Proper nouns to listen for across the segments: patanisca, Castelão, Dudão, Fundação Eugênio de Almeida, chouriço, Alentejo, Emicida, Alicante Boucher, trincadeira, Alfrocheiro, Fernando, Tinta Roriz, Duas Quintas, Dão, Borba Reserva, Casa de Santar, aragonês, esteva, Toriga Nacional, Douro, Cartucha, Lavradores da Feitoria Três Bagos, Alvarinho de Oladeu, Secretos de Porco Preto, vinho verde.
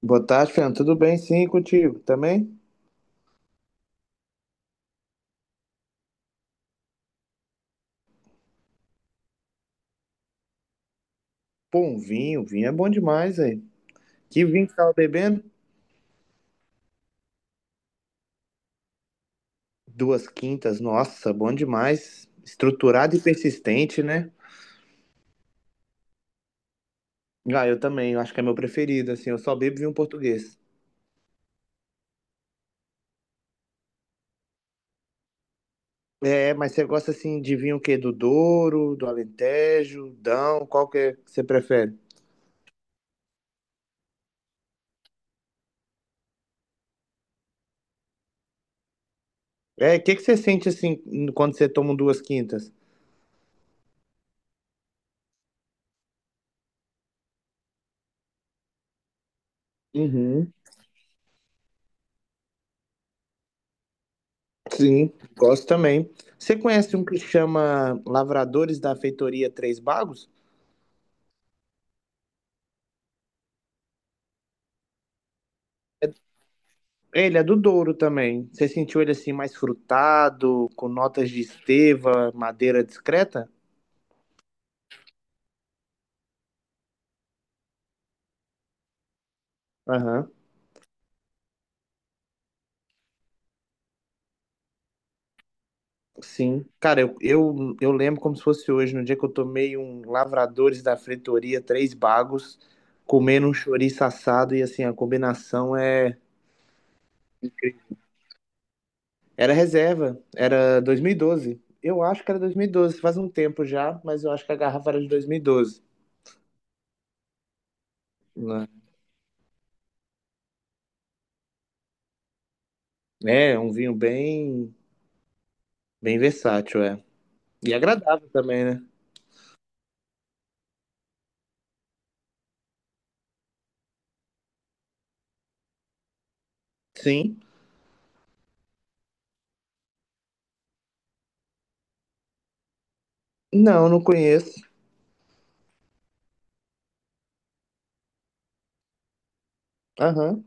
Boa tarde, Fernando. Tudo bem? Sim, e contigo também? Pô, um vinho, vinho é bom demais, aí. Que vinho que tava bebendo? Duas quintas, nossa, bom demais. Estruturado e persistente, né? Ah, eu também, eu acho que é meu preferido, assim, eu só bebo vinho português. É, mas você gosta, assim, de vinho o quê? Do Douro, do Alentejo, Dão, qual que é que você prefere? É, o que que você sente, assim, quando você toma um duas quintas? Uhum. Sim, gosto também. Você conhece um que chama Lavradores da Feitoria Três Bagos? Ele é do Douro também. Você sentiu ele assim mais frutado, com notas de esteva, madeira discreta? Aham, sim. Cara, eu lembro como se fosse hoje, no dia que eu tomei um Lavradores da Fretoria, três bagos, comendo um chouriço assado e assim, a combinação é... Era reserva, era 2012. Eu acho que era 2012. Faz um tempo já, mas eu acho que a garrafa era de 2012. Né? É, um vinho bem, bem versátil, é. E agradável também, né? Sim. Não, não conheço. Aham.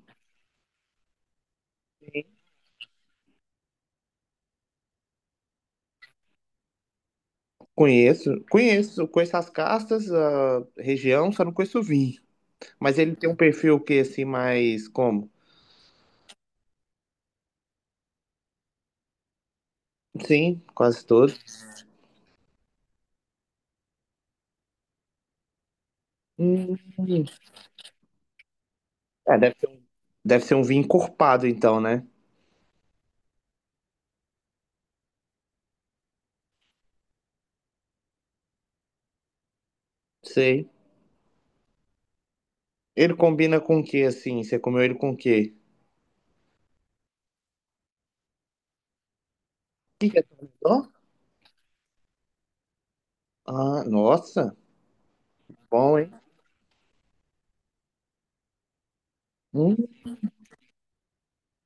Conheço. Conheço. Conheço as castas, a região, só não conheço o vinho. Mas ele tem um perfil que assim, mais como? Sim, quase todos. Hum. É, deve ser um vinho encorpado, então, né? Sei. Ele combina com o que, assim? Você comeu ele com o quê? Que é Torresó? Ah, nossa. Bom, hein? Hum,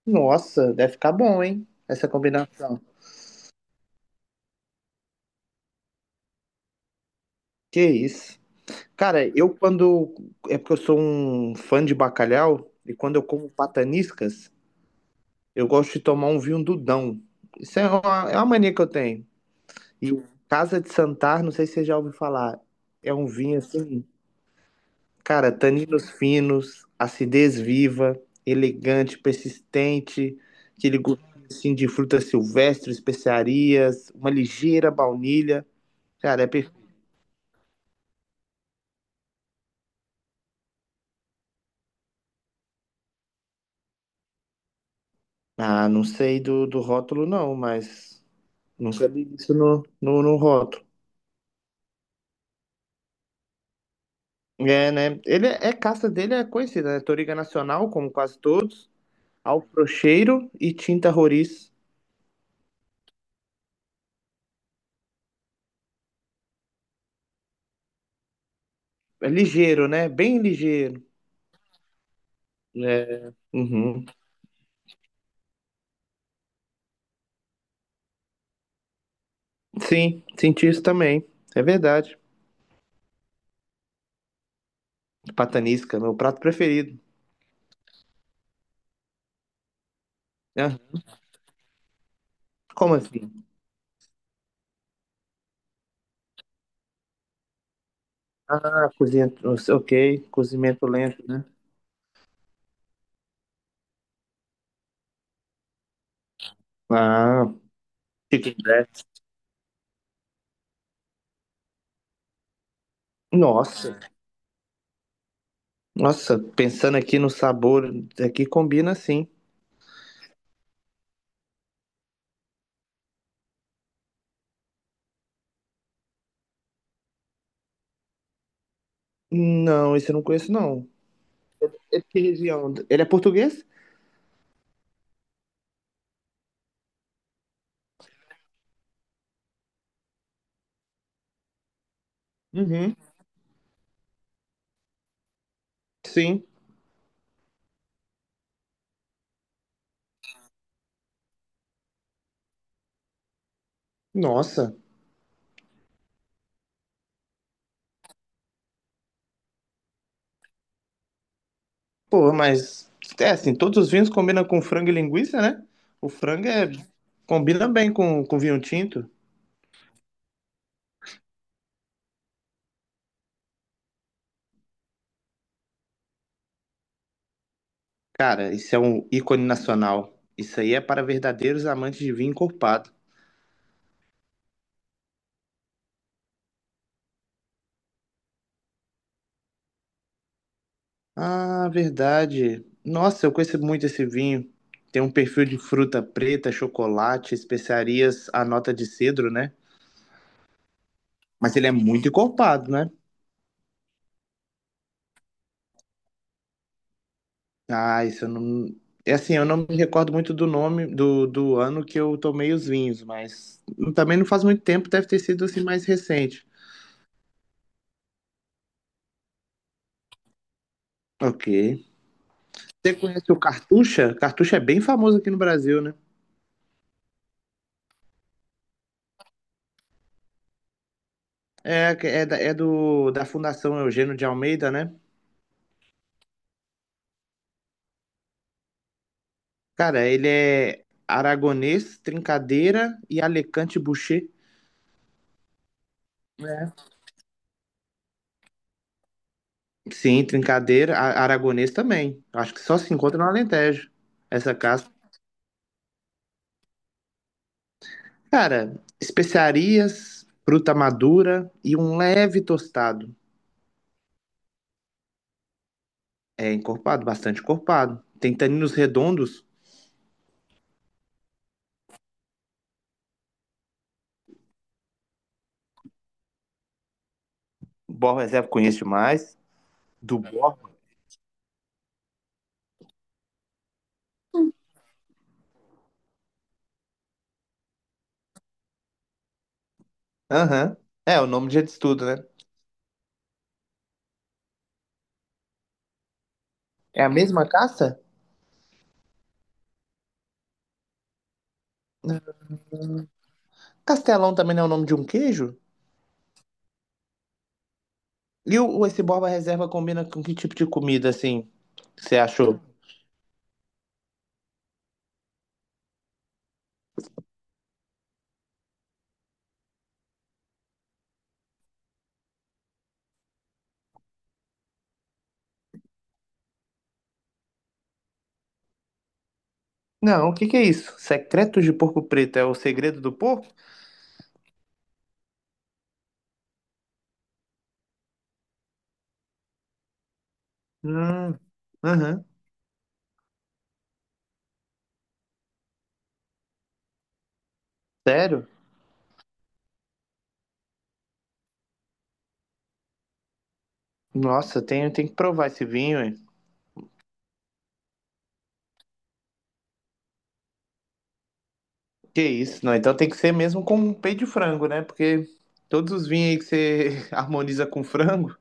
nossa, deve ficar bom, hein? Essa combinação. Que isso. Cara, eu quando. É porque eu sou um fã de bacalhau, e quando eu como pataniscas, eu gosto de tomar um vinho Dudão. Isso é uma mania que eu tenho. E o Casa de Santar, não sei se você já ouviu falar, é um vinho assim, cara, taninos finos, acidez viva, elegante, persistente, aquele gostinho assim, de fruta silvestre, especiarias, uma ligeira baunilha. Cara, é perfeito. Ah, não sei do, do rótulo não, mas. Nunca li isso no rótulo. É, né? Ele é, é casta dele é conhecida, né? Toriga Nacional, como quase todos. Alfrocheiro e Tinta Roriz. É ligeiro, né? Bem ligeiro. É. Uhum. Sim, senti isso também. É verdade. Patanisca, meu prato preferido. Ah, como assim? Ah, cozinha. Ok, cozimento lento, né? Ah, chicken breast. Nossa, nossa, pensando aqui no sabor, aqui combina sim. Não, esse eu não conheço, não. É de que região? Ele é português? Uhum. Sim. Nossa. Pô, mas. É assim, todos os vinhos combinam com frango e linguiça, né? O frango é, combina bem com vinho tinto. Cara, isso é um ícone nacional. Isso aí é para verdadeiros amantes de vinho encorpado. Ah, verdade. Nossa, eu conheço muito esse vinho. Tem um perfil de fruta preta, chocolate, especiarias, a nota de cedro, né? Mas ele é muito encorpado, né? Ah, isso eu não. É assim, eu não me recordo muito do nome do, do ano que eu tomei os vinhos, mas também não faz muito tempo, deve ter sido assim mais recente. Ok. Você conhece o Cartucha? Cartucha é bem famoso aqui no Brasil, né? É, é, da- é do, da Fundação Eugênio de Almeida, né? Cara, ele é aragonês, trincadeira e Alicante Boucher. É. Sim, trincadeira, a- aragonês também. Acho que só se encontra no Alentejo, essa casca. Cara, especiarias, fruta madura e um leve tostado. É encorpado, bastante encorpado. Tem taninos redondos. Borra reserva conheço demais. Do Borra. Aham. É, o nome de estudo, né? É a mesma caça? Castelão também não é o nome de um queijo? E o- esse Borba Reserva combina com que tipo de comida, assim, você achou? Não, o que que é isso? Secretos de Porco Preto é o segredo do porco? Hum, aham. Sério? Nossa, tenho, tenho que provar esse vinho, hein? Que isso, não. Então tem que ser mesmo com peito de frango, né? Porque todos os vinhos aí que você harmoniza com frango,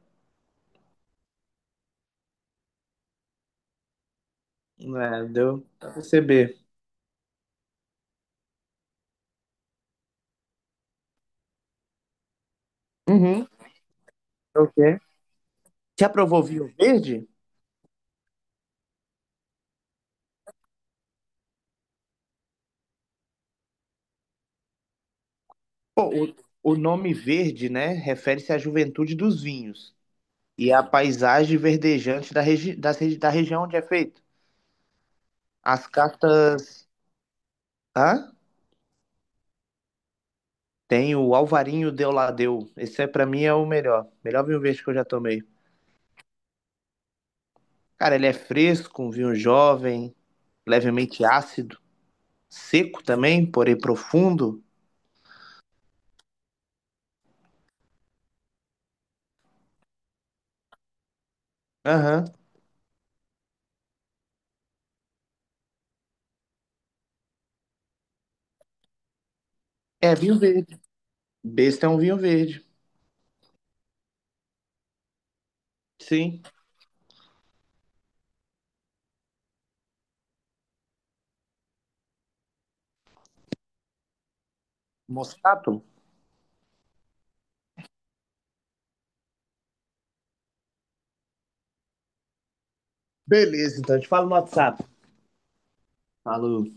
né? Deu pra perceber. Uhum. Ok. Você aprovou vinho verde? Pô, o nome verde, né? Refere-se à juventude dos vinhos e à paisagem verdejante da, regi das regi- da região onde é feito. As cartas. Hã? Tem o Alvarinho de Oladeu. Esse é, pra mim é o melhor. Melhor vinho verde que eu já tomei. Cara, ele é fresco, um vinho jovem, levemente ácido. Seco também, porém profundo. Aham. É vinho verde. Besta é um vinho verde. Sim. Moscato? Beleza, então. Te falo no WhatsApp. Falou.